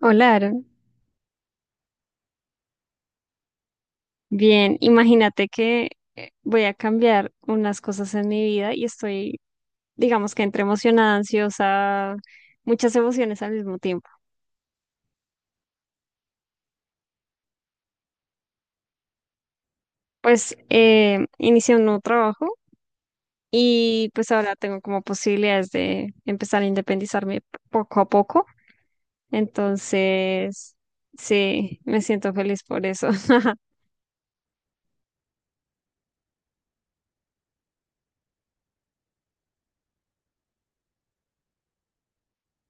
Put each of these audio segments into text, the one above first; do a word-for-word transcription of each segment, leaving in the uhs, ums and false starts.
Hola, Aaron. Bien, imagínate que eh, voy a cambiar unas cosas en mi vida y estoy, digamos que entre emocionada, ansiosa, muchas emociones al mismo tiempo. Pues eh, inicié un nuevo trabajo y pues ahora tengo como posibilidades de empezar a independizarme poco a poco. Entonces, sí, me siento feliz por eso.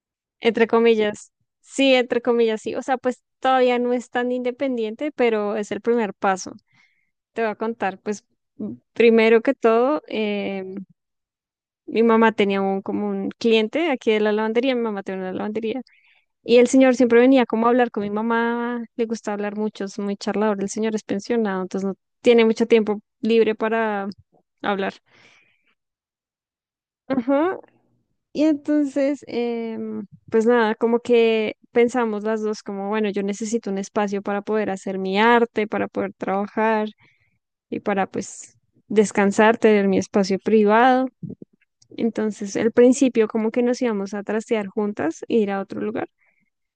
Entre comillas. Sí, entre comillas, sí. O sea, pues todavía no es tan independiente, pero es el primer paso. Te voy a contar, pues primero que todo, eh, mi mamá tenía un, como un cliente aquí de la lavandería, mi mamá tenía una lavandería, y el señor siempre venía como a hablar con mi mamá, le gusta hablar mucho, es muy charlador, el señor es pensionado, entonces no tiene mucho tiempo libre para hablar. Ajá. Y entonces, em, pues nada, como que pensamos las dos como, bueno, yo necesito un espacio para poder hacer mi arte, para poder trabajar y para pues descansar, tener mi espacio privado. Entonces, al principio como que nos íbamos a trastear juntas e ir a otro lugar,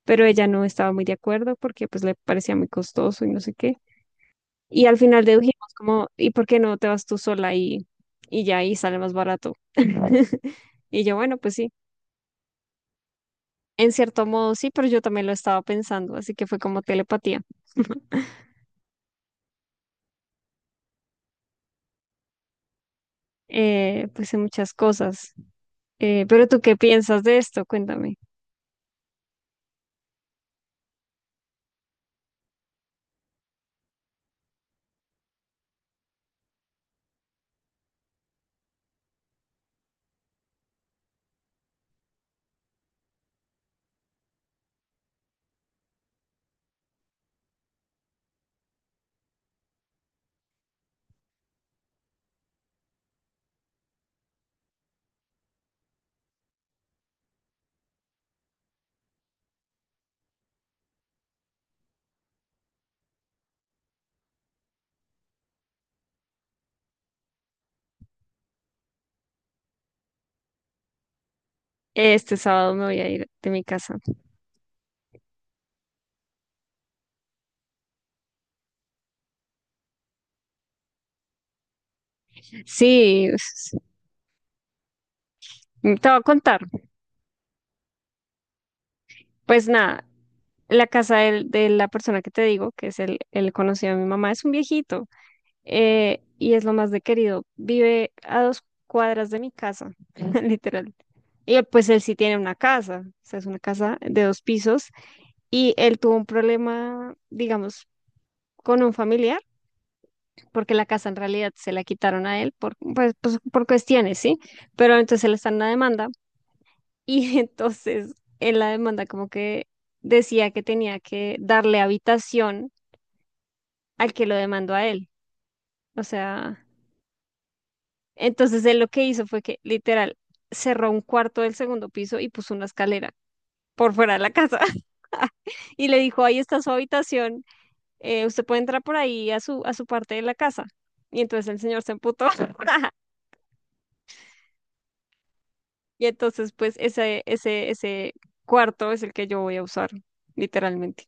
pero ella no estaba muy de acuerdo porque pues le parecía muy costoso y no sé qué. Y al final dedujimos como, ¿y por qué no te vas tú sola y, y ya ahí sale más barato? Y yo, bueno, pues sí, en cierto modo sí, pero yo también lo estaba pensando, así que fue como telepatía, eh, pues en muchas cosas. Eh, pero tú, ¿qué piensas de esto? Cuéntame. Este sábado me voy a ir de mi casa. Sí, te voy a contar. Pues nada, la casa del- de la persona que te digo, que es el, el conocido de mi mamá, es un viejito eh, y es lo más de querido. Vive a dos cuadras de mi casa, literal. Y eh, pues él sí tiene una casa, o sea, es una casa de dos pisos y él tuvo un problema, digamos, con un familiar, porque la casa en realidad se la quitaron a él por, pues, pues, por cuestiones, ¿sí? Pero entonces él está en una demanda. Y entonces en la demanda como que decía que tenía que darle habitación al que lo demandó a él. O sea, entonces él lo que hizo fue que literal cerró un cuarto del segundo piso y puso una escalera por fuera de la casa. Y le dijo, ahí está su habitación, eh, usted puede entrar por ahí a su, a su parte de la casa. Y entonces el señor se emputó. Y entonces pues ese, ese, ese cuarto es el que yo voy a usar, literalmente.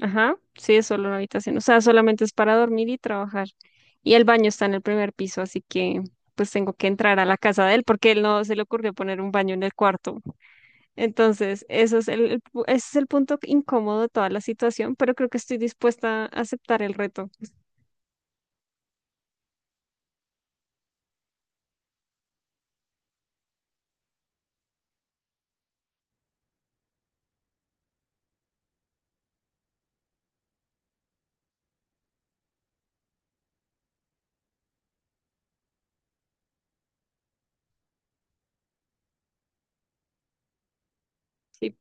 Ajá, sí, es solo una habitación. O sea, solamente es para dormir y trabajar. Y el baño está en el primer piso, así que pues tengo que entrar a la casa de él porque él no se le ocurrió poner un baño en el cuarto. Entonces, eso es el, el pu- ese es el punto incómodo de toda la situación, pero creo que estoy dispuesta a aceptar el reto. Sí,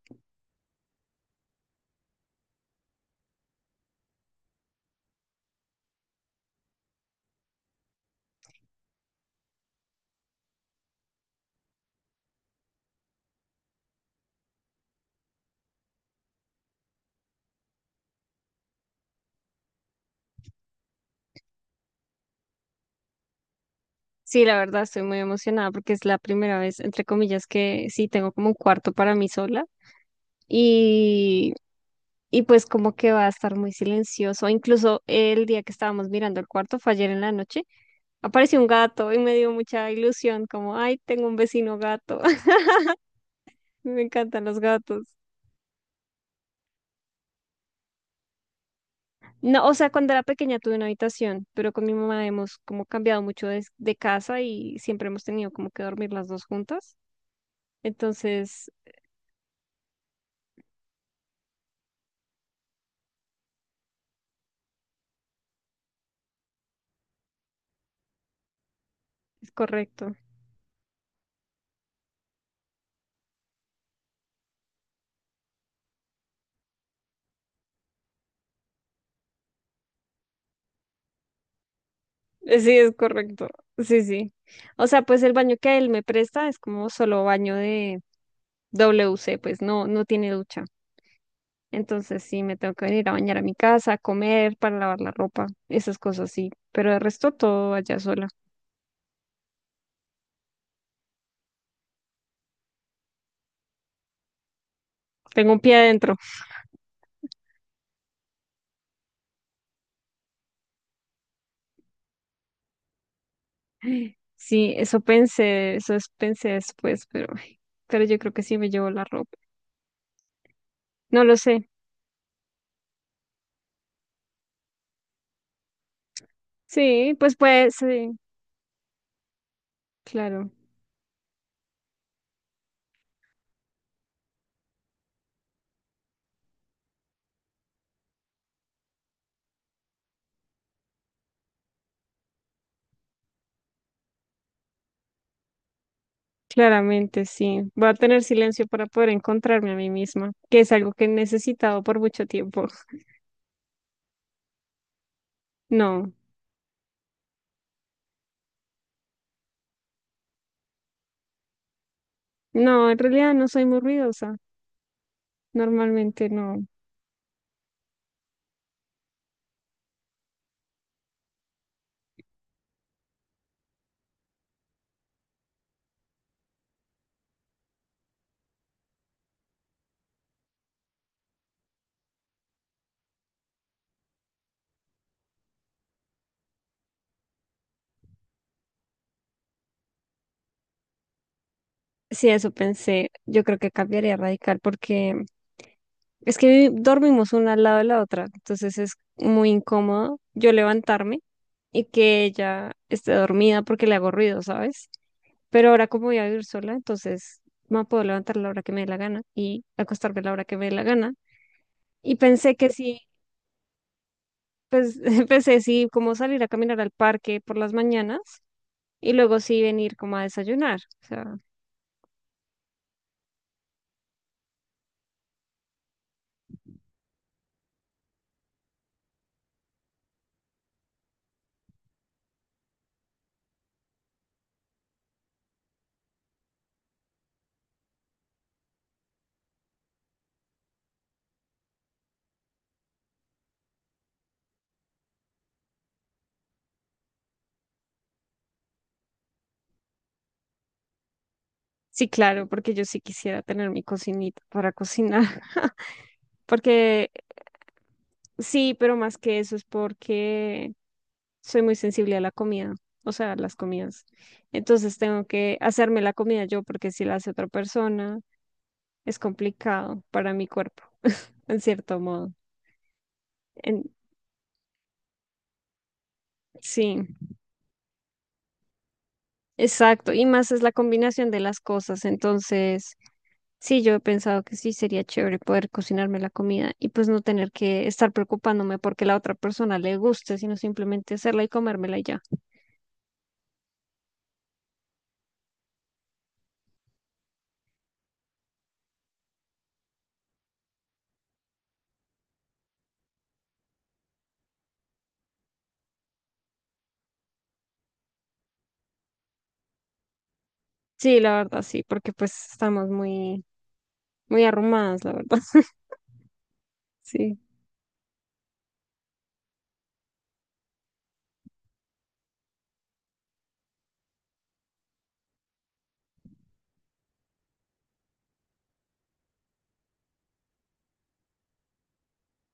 sí, la verdad estoy muy emocionada porque es la primera vez, entre comillas, que sí tengo como un cuarto para mí sola. Y y pues como que va a estar muy silencioso. Incluso el día que estábamos mirando el cuarto fue ayer en la noche apareció un gato y me dio mucha ilusión, como, ay, tengo un vecino gato, me encantan los gatos. No, o sea, cuando era pequeña tuve una habitación, pero con mi mamá hemos como cambiado mucho de, de casa y siempre hemos tenido como que dormir las dos juntas. Entonces, es correcto. Eh, Sí, es correcto. Sí, sí. O sea, pues el baño que él me presta es como solo baño de W C, pues no, no tiene ducha. Entonces sí, me tengo que venir a bañar a mi casa, a comer, para lavar la ropa, esas cosas sí. Pero el resto todo allá sola. Tengo un pie adentro. Sí, eso pensé, eso es- pensé después, pero, ay, pero yo creo que sí me llevo la ropa. No lo sé. Sí, pues puede, sí, claro. Claramente sí. Voy a tener silencio para poder encontrarme a mí misma, que es algo que he necesitado por mucho tiempo. No, no, en realidad no soy muy ruidosa. Normalmente no. Sí, eso pensé. Yo creo que cambiaría radical porque es que vi- dormimos una al lado de la otra, entonces es muy incómodo yo levantarme y que ella esté dormida porque le hago ruido, ¿sabes? Pero ahora como voy a vivir sola, entonces me puedo levantar a la hora que me dé la gana y acostarme a la hora que me dé la gana. Y pensé que sí, pues pensé sí, como salir a caminar al parque por las mañanas y luego sí venir como a desayunar. Sí, claro, porque yo sí quisiera tener mi cocinita para cocinar. Porque sí, pero más que eso es porque soy muy sensible a la comida, o sea, a las comidas. Entonces tengo que hacerme la comida yo, porque si la hace otra persona, es complicado para mi cuerpo, en cierto modo. En- sí, exacto. Y más es la combinación de las cosas. Entonces, sí, yo he pensado que sí sería chévere poder cocinarme la comida y pues no tener que estar preocupándome porque la otra persona le guste, sino simplemente hacerla y comérmela y ya. Sí, la verdad, sí, porque pues estamos muy, muy arrumadas, la verdad. Sí.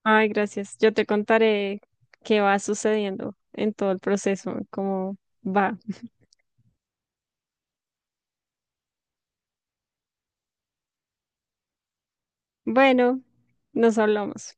Ay, gracias. Yo te contaré qué va sucediendo en todo el proceso, cómo va. Bueno, nos hablamos.